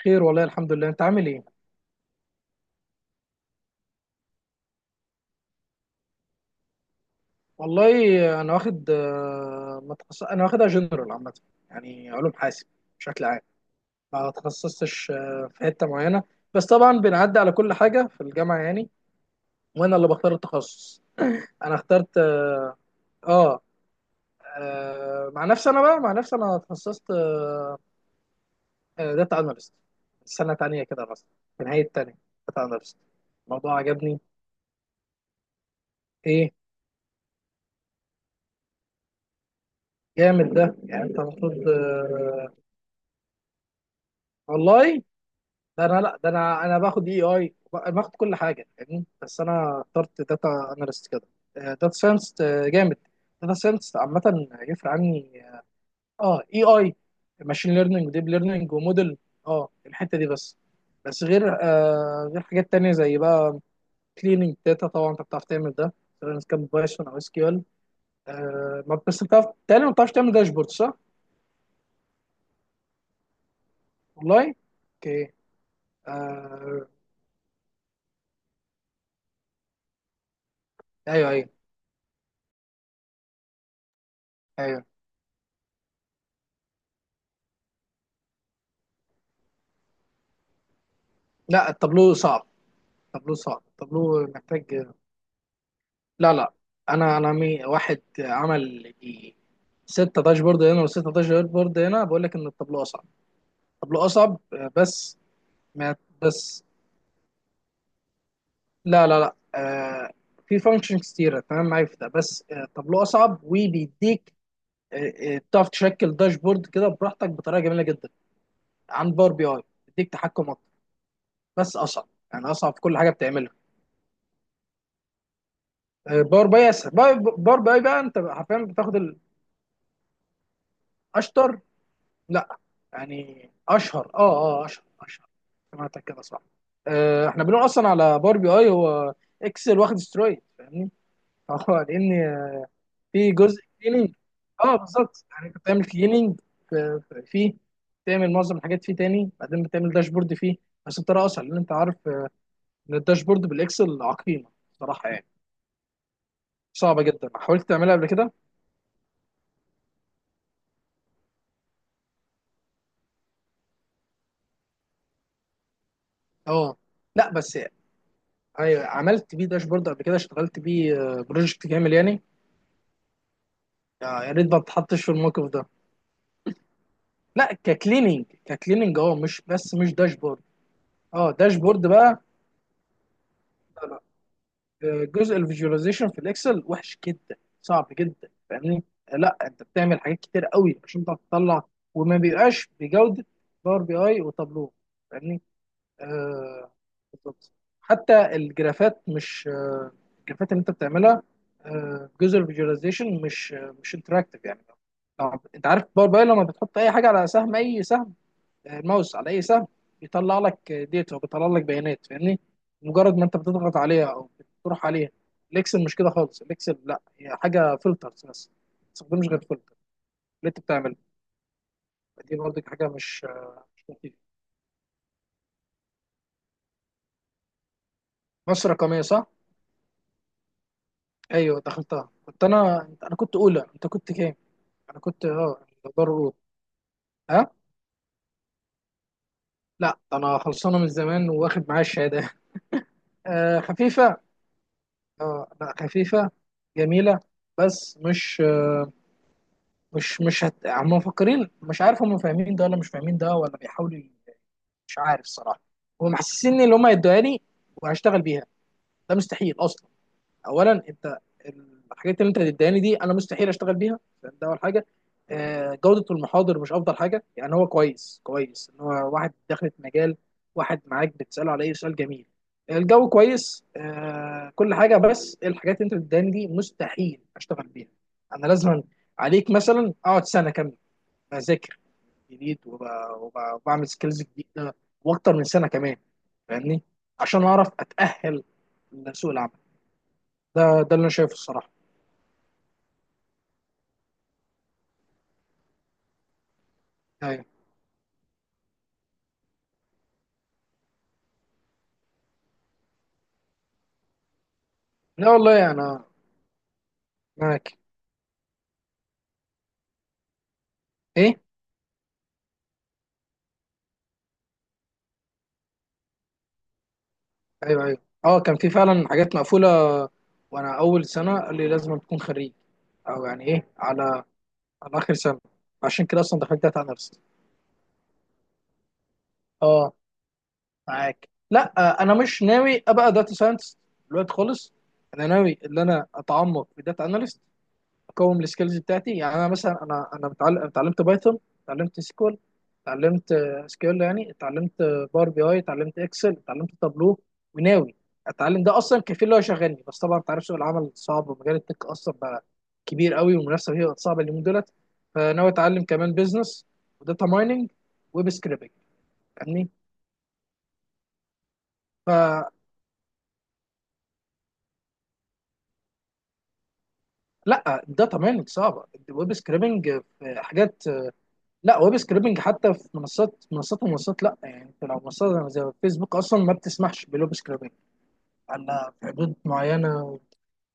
خير، والله الحمد لله. انت عامل ايه؟ والله انا واخد ما تخص... انا واخدها جنرال عامه، يعني علوم حاسب بشكل عام. ما تخصصتش في حته معينه، بس طبعا بنعدي على كل حاجه في الجامعه يعني، وانا اللي بختار التخصص. انا اخترت آه مع نفسي، انا تخصصت داتا اناليست، سنه تانية كده مثلا، في نهايه تانية. داتا اناليست. الموضوع عجبني. ايه؟ جامد ده، يعني انت المفروض. والله ده انا لا ده انا انا باخد اي اي باخد كل حاجه يعني، بس انا اخترت داتا اناليست كده. داتا ساينس جامد. داتا ساينس عامه يفرق عني. اه، اي اي ماشين ليرنينج وديب ليرنينج وموديل. اه، الحته دي بس. بس غير حاجات تانية زي بقى كليننج داتا. طبعا انت بتعرف تعمل ده، سواء كان بايثون او اس كيو ال. آه ما بس بتعرف، تاني ما بتعرفش تعمل داشبورد، صح؟ والله. اوكي. آه. ايوه، ايوه. ايوه. لا، التابلو صعب. طابلوه صعب، طابلوه محتاج. لا لا. واحد عمل دي ستة داشبورد هنا وستة داشبورد هنا، بقول لك ان الطابلوه اصعب. الطابلوه اصعب، بس. ما بس. لا، في فانكشن كتيرة، تمام، معايا في ده، بس الطابلوه اصعب وبيديك بتعرف تشكل داشبورد كده براحتك بطريقه جميله جدا عن باور بي اي. بيديك تحكم اكتر، بس اصعب، يعني اصعب في كل حاجه بتعملها. باور بي اسهل. باور بي اي بقى انت حرفيا بتاخد الاشطر. لا، يعني اشهر. اه اه، اشهر اشهر. سمعتك كده صح. احنا بنقول اصلا على باور بي اي هو اكسل واخد سترويد، فاهمني؟ فهو لان في جزء كليننج. اه، بالظبط، يعني انت بتعمل كليننج فيه، بتعمل معظم الحاجات فيه، تاني بعدين بتعمل داشبورد فيه بس بطريقه اسهل، لان انت عارف ان الداشبورد بالاكسل عقيمه صراحه، يعني صعبه جدا. حاولت تعملها قبل كده؟ اه، لا بس يعني. ايوه، عملت بيه داشبورد قبل كده، اشتغلت بيه بروجكت كامل يعني. يا ريت ما تتحطش في الموقف ده. لا، ككليننج، اه، مش داشبورد. اه، داشبورد بقى. لا لا، جزء الفيجواليزيشن في الاكسل وحش جدا، صعب جدا، فاهمني؟ لا، انت بتعمل حاجات كتير قوي عشان تعرف تطلع، وما بيبقاش بجوده باور بي اي وتابلو، فاهمني؟ آه بالظبط. حتى الجرافات مش الجرافات اللي انت بتعملها جزء الفيجواليزيشن مش مش انتراكتيف يعني. طب انت عارف باور بي اي لما بتحط اي حاجه على سهم، اي سهم، الماوس على اي سهم، بيطلع لك ديتا وبيطلع لك بيانات، فاهمني؟ مجرد ما انت بتضغط عليها او بتروح عليها. الاكسل مش كده خالص. الاكسل لا، هي حاجه فلترز بس، ما تستخدمش غير فلتر اللي انت بتعمله. دي برضك حاجه مش لطيفه. مصر رقميه، صح؟ ايوه، دخلتها. كنت انا، كنت اولى. انت كنت كام؟ انا كنت دار اولى. ها؟ لا، ده انا خلصانه من زمان، واخد معايا الشهاده. آه، خفيفه. اه، لا، خفيفه. جميله. بس مش هت... هم مفكرين، مش عارف، هم فاهمين ده ولا مش فاهمين ده، ولا مش عارف الصراحه. هم محسسيني اللي هم هيدوها لي وهشتغل بيها، ده مستحيل اصلا. اولا انت، الحاجات اللي انت هتديهاني دي انا مستحيل اشتغل بيها، ده اول حاجه. جوده المحاضر مش افضل حاجه يعني. هو كويس، كويس ان هو واحد دخلت مجال، واحد معاك بتساله على اي سؤال، جميل. الجو كويس، كل حاجه، بس الحاجات اللي انت بتديهاني دي مستحيل اشتغل بيها. انا لازم عليك مثلا اقعد سنه كامله بذاكر جديد، وبعمل سكيلز جديده، واكتر من سنه كمان، فاهمني؟ عشان اعرف اتاهل لسوق العمل. ده اللي انا شايفه الصراحه. ايوه. لا والله انا معاك. ايه، ايوه، ايوه. اه، كان في فعلا حاجات مقفوله. وانا اول سنه قال لي لازم تكون خريج او يعني ايه، على اخر سنه. عشان كده اصلا دخلت داتا اناليست. اه، معاك. لا انا مش ناوي ابقى داتا ساينس دلوقتي خالص. انا ناوي ان انا اتعمق في داتا اناليست، اقوم السكيلز بتاعتي. يعني انا مثلا، انا انا متعلم، اتعلمت بايثون، اتعلمت سيكوال، اتعلمت سكيول يعني، اتعلمت باور بي اي، اتعلمت اكسل، اتعلمت تابلو، وناوي اتعلم. ده اصلا كفيل اللي هو يشغلني. بس طبعا انت عارف سوق العمل صعب، ومجال التك اصلا بقى كبير قوي، والمنافسه فيه بقت صعبه اليومين دولت. فناوي اتعلم كمان بزنس، وداتا مايننج، ويب سكريبنج، فاهمني؟ فلا، الداتا مايننج صعبه. الويب سكريبنج حاجات، لا، ويب سكريبنج حتى في منصات، منصات ومنصات، لا، يعني انت لو منصات زي فيسبوك اصلا ما بتسمحش بالويب سكريبنج الا في حدود معينه،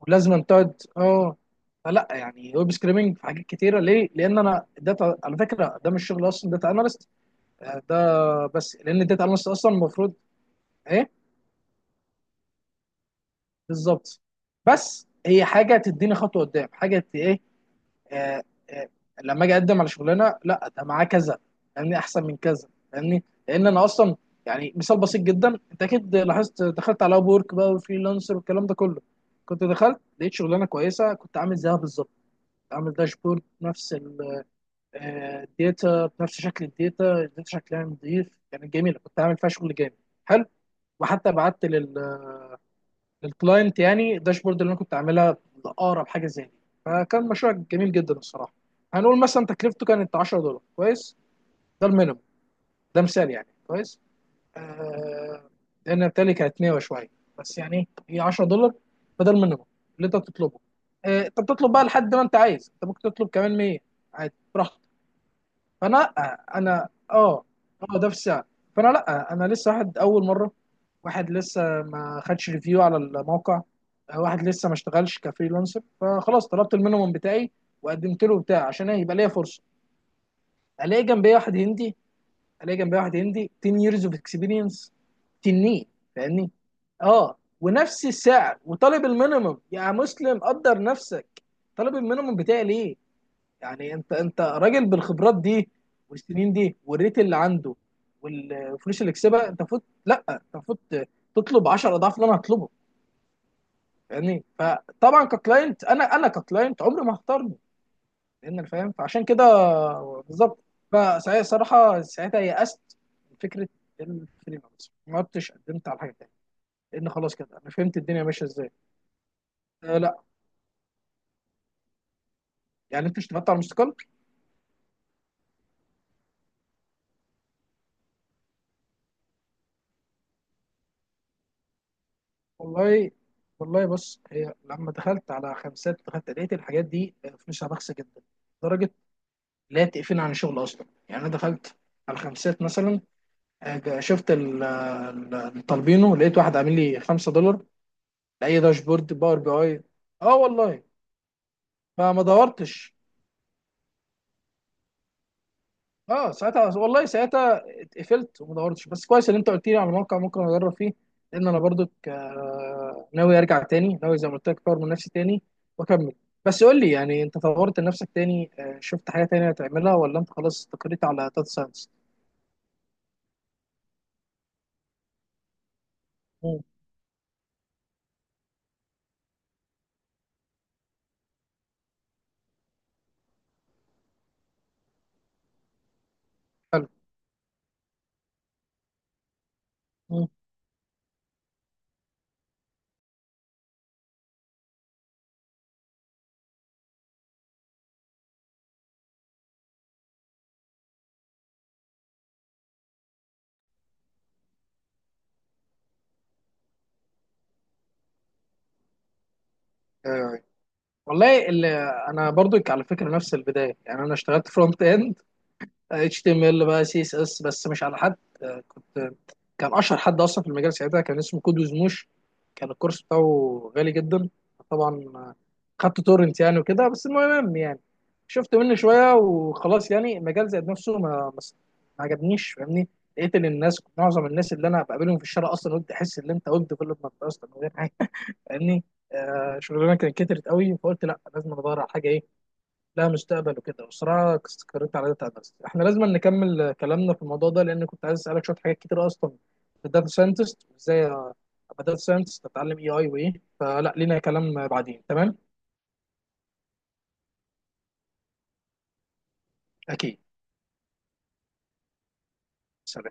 ولازم أن تقعد فلا يعني ويب سكريبنج في حاجات كتيره. ليه؟ لان انا داتا، على فكره ده مش شغل اصلا داتا اناليست ده، بس لان الداتا اناليست اصلا المفروض. ايه، بالظبط. بس هي حاجه تديني خطوه قدام حاجه، آه، آه، لما اجي اقدم على شغلانه، لا، ده معاه كذا، فاهمني، احسن من كذا، فاهمني، لان انا اصلا يعني. مثال بسيط جدا: انت اكيد لاحظت، دخلت على اب وورك بقى وفريلانسر والكلام ده كله. كنت دخلت لقيت شغلانه كويسه، كنت عامل زيها بالظبط، عامل داشبورد نفس الداتا بنفس شكل الداتا. الداتا شكلها نظيف، كانت جميله، كنت عامل فيها شغل جامد، حلو. وحتى بعت الكلاينت يعني الداشبورد اللي انا كنت عاملها لاقرب حاجه زي دي. فكان مشروع جميل جدا الصراحه. هنقول مثلا تكلفته كانت 10 دولار، كويس. ده المينيمم. ده مثال يعني، كويس. آه، لان بالتالي كانت 100 وشويه، بس يعني هي 10 دولار. فده المينيمم اللي انت بتطلبه. آه، انت بتطلب بقى لحد ما انت عايز، انت ممكن تطلب كمان 100 عادي، براحتك. فانا لا، انا اه، ده في الساعه. فانا لا، انا لسه واحد اول مره، واحد لسه ما خدش ريفيو على الموقع، واحد لسه ما اشتغلش كفريلانسر، فخلاص طلبت المينيموم بتاعي وقدمت له بتاع عشان يبقى ليا فرصه. الاقي جنبي واحد هندي، الاقي جنبي واحد هندي 10 years of experience، تنين، فاهمني؟ اه، ونفس السعر، وطالب المينيموم. يا مسلم، قدر نفسك. طالب المينيموم بتاعي ليه؟ يعني انت راجل بالخبرات دي والسنين دي والريت اللي عنده والفلوس اللي كسبها. انت المفروض، لا، انت المفروض تطلب 10 اضعاف اللي انا هطلبه، يعني. فطبعا ككلاينت، انا انا ككلاينت، عمري ما هختارني، لان انا فاهم. فعشان كده، بالظبط. فساعتها صراحه، يأست من فكره الفريلانس، ما عدتش قدمت على حاجه تانيه، لان خلاص كده انا فهمت الدنيا ماشيه ازاي. أه، لا، يعني انت اشتغلت على المستقل. والله. والله بص، هي لما دخلت على خمسات، دخلت لقيت الحاجات دي فلوسها بخسة جدا لدرجة لا تقفلني عن الشغل أصلا. يعني أنا دخلت على خمسات مثلا، شفت الطالبينو، لقيت واحد عامل لي 5 دولار لأي داشبورد باور بي أي. أه والله. فما دورتش. اه ساعتها، والله ساعتها اتقفلت وما دورتش. بس كويس ان انت قلت لي على موقع ممكن اجرب فيه، لان انا برضو ناوي ارجع تاني، ناوي زي ما قلت لك اطور من نفسي تاني واكمل. بس قول لي يعني انت طورت من نفسك تاني، شفت حاجه تانية تعملها ولا انت خلاص استقريت على داتا ساينس؟ مم. حلو. مم. آه، والله اللي انا برضو، على فكره، نفس البدايه، يعني انا اشتغلت فرونت اند، اتش تي ام ال بقى، سي اس اس، بس مش على حد. آه، كنت كان اشهر حد اصلا في المجال ساعتها كان اسمه كود وزموش، كان الكورس بتاعه غالي جدا طبعا. خدت تورنت يعني وكده. بس المهم يعني شفت منه شويه وخلاص، يعني المجال زاد نفسه، ما عجبنيش، فاهمني؟ لقيت ان الناس، معظم الناس اللي انا بقابلهم في الشارع اصلا، قلت احس ان انت ويب ديفلوبمنت اصلا من غير حاجه، فاهمني؟ شغلانه كانت كترت قوي، فقلت لا، لازم ادور على حاجه ايه، لا، مستقبل وكده. بصراحة استقريت على داتا اناليست. احنا لازم نكمل كلامنا في الموضوع ده، لان كنت عايز اسألك شوية حاجات كتير اصلا في الداتا ساينتست، وازاي ابقى داتا ساينتست، اتعلم اي اي وايه. فلا، لينا كلام بعدين، تمام؟ اكيد. سلام.